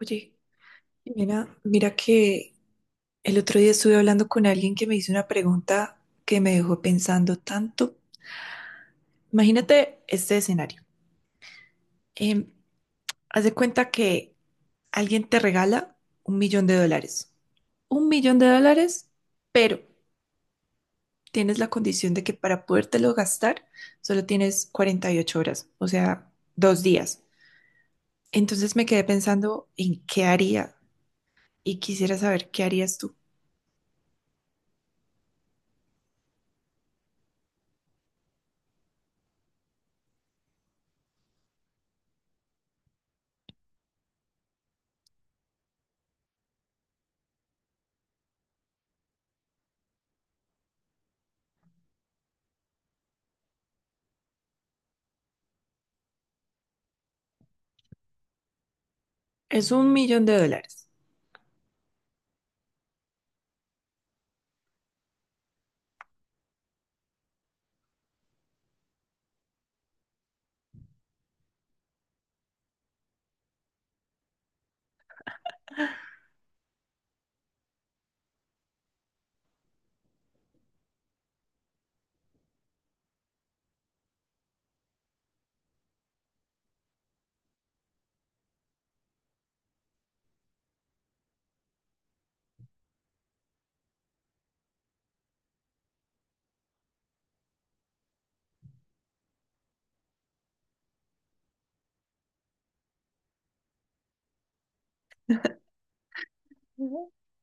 Oye, mira, mira que el otro día estuve hablando con alguien que me hizo una pregunta que me dejó pensando tanto. Imagínate este escenario. Em, haz de cuenta que alguien te regala un millón de dólares. Un millón de dólares, pero tienes la condición de que para podértelo gastar solo tienes 48 horas, o sea, 2 días. Entonces me quedé pensando en qué haría y quisiera saber qué harías tú. Es un millón de dólares.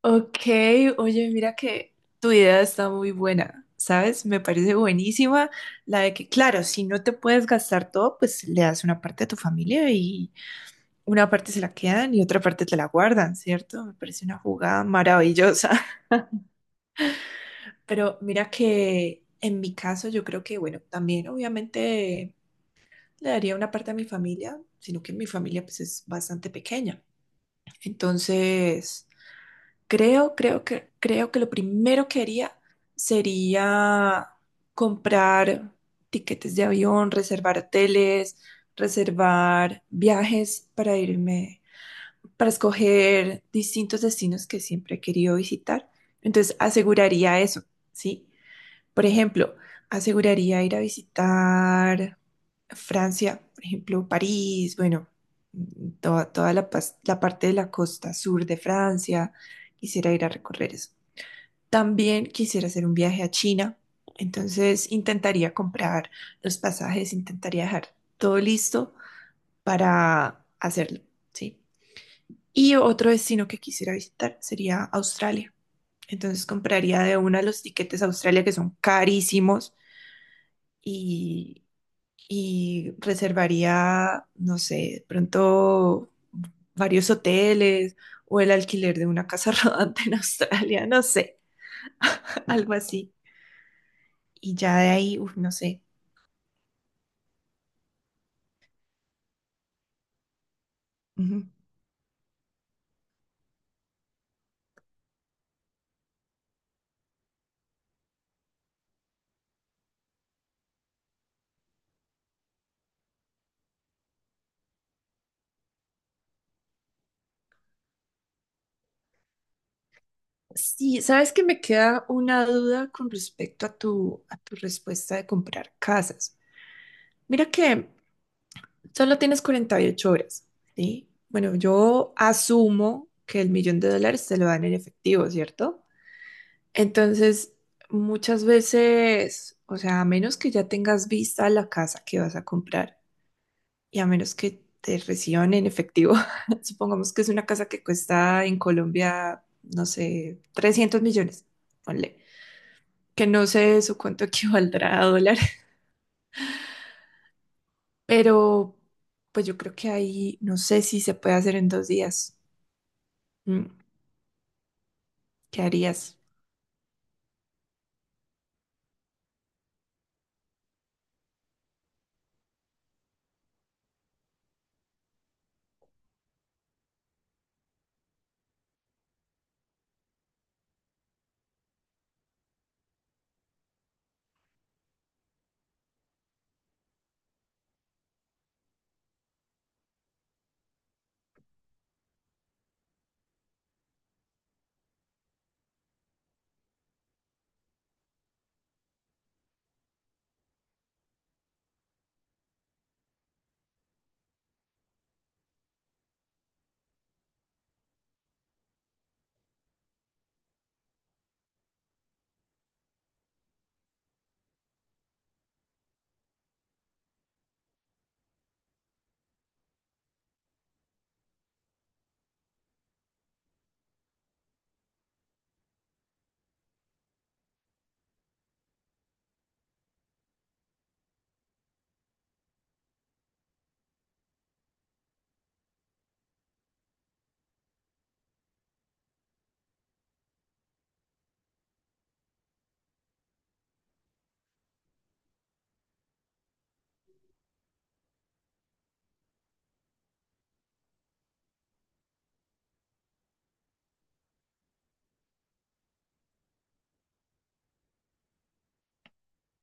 Ok, oye, mira que tu idea está muy buena, ¿sabes? Me parece buenísima la de que, claro, si no te puedes gastar todo, pues le das una parte a tu familia y una parte se la quedan y otra parte te la guardan, ¿cierto? Me parece una jugada maravillosa. Pero mira que en mi caso yo creo que, bueno, también obviamente le daría una parte a mi familia, sino que mi familia pues es bastante pequeña. Entonces... Creo que lo primero que haría sería comprar tiquetes de avión, reservar hoteles, reservar viajes para irme, para escoger distintos destinos que siempre he querido visitar. Entonces, aseguraría eso, ¿sí? Por ejemplo, aseguraría ir a visitar Francia, por ejemplo, París, bueno, toda la parte de la costa sur de Francia, quisiera ir a recorrer eso. También quisiera hacer un viaje a China, entonces intentaría comprar los pasajes, intentaría dejar todo listo para hacerlo, ¿sí? Y otro destino que quisiera visitar sería Australia. Entonces compraría de una los tiquetes a Australia que son carísimos y, y reservaría, no sé, de pronto varios hoteles o el alquiler de una casa rodante en Australia, no sé, algo así. Y ya de ahí, uf, no sé. Ujú. Sí, sabes que me queda una duda con respecto a a tu respuesta de comprar casas. Mira que solo tienes 48 horas, ¿sí? Bueno, yo asumo que el millón de dólares te lo dan en efectivo, ¿cierto? Entonces, muchas veces, o sea, a menos que ya tengas vista la casa que vas a comprar y a menos que te reciban en efectivo, supongamos que es una casa que cuesta en Colombia, no sé, 300 millones, ponle, que no sé su cuánto equivaldrá a dólar, pero pues yo creo que ahí no sé si se puede hacer en 2 días. Mm, ¿qué harías?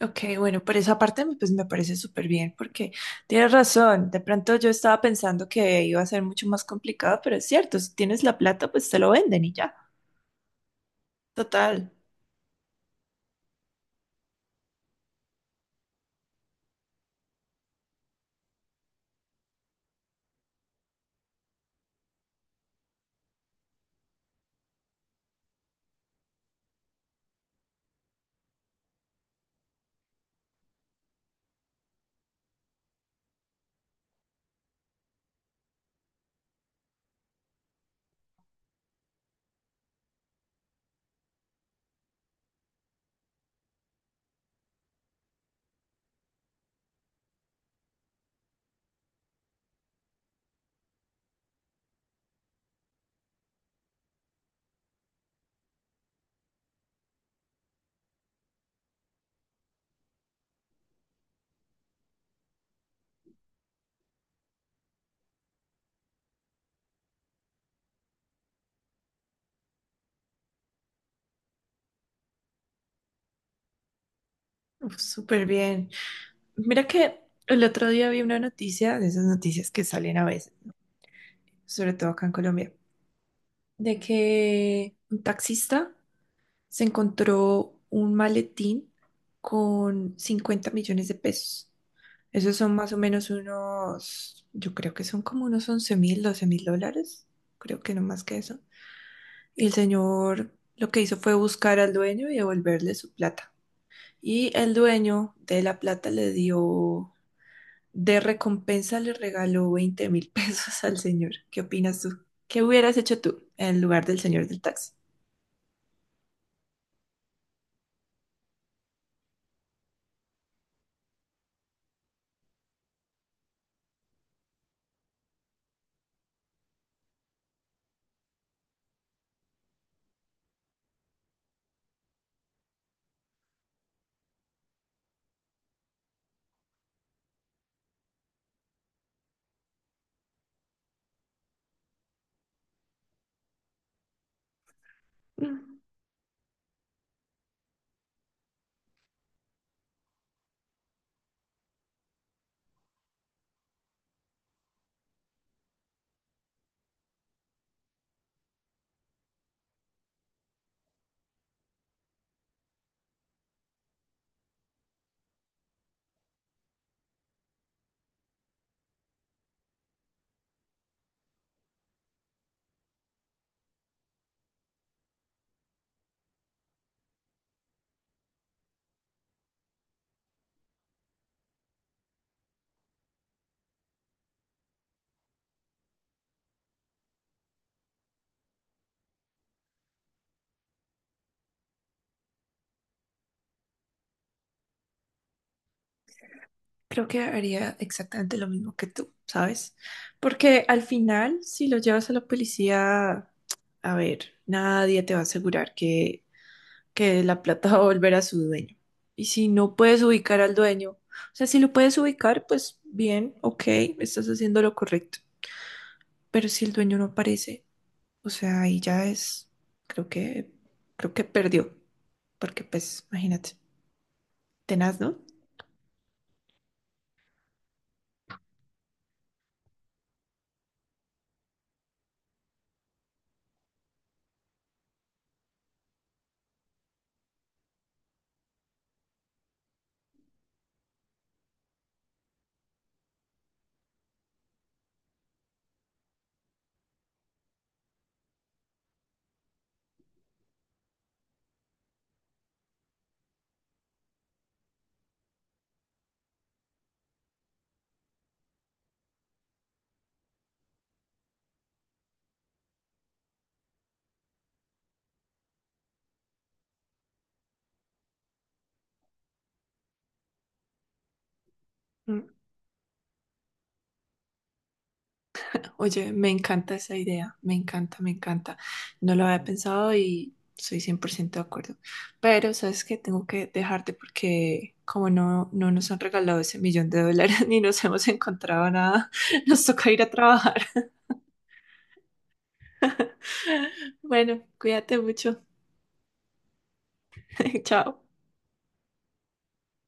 Ok, bueno, por esa parte pues me parece súper bien porque tienes razón, de pronto yo estaba pensando que iba a ser mucho más complicado, pero es cierto, si tienes la plata pues te lo venden y ya, total. Uf, súper bien. Mira que el otro día vi una noticia, de esas noticias que salen a veces, sobre todo acá en Colombia, de que un taxista se encontró un maletín con 50 millones de pesos. Esos son más o menos unos, yo creo que son como unos 11 mil, 12 mil dólares, creo que no más que eso. Y el señor lo que hizo fue buscar al dueño y devolverle su plata. Y el dueño de la plata le dio, de recompensa le regaló 20 mil pesos al señor. ¿Qué opinas tú? ¿Qué hubieras hecho tú en lugar del señor del taxi? Creo que haría exactamente lo mismo que tú, ¿sabes? Porque al final, si lo llevas a la policía, a ver, nadie te va a asegurar que la plata va a volver a su dueño. Y si no puedes ubicar al dueño, o sea, si lo puedes ubicar, pues bien, ok, estás haciendo lo correcto. Pero si el dueño no aparece, o sea, ahí ya es, creo que, creo que perdió. Porque pues, imagínate, tenaz, ¿no? Oye, me encanta esa idea, me encanta, me encanta. No lo había pensado y soy 100% de acuerdo. Pero sabes que tengo que dejarte porque como no, no nos han regalado ese millón de dólares ni nos hemos encontrado nada, nos toca ir a trabajar. Bueno, cuídate mucho. Chao.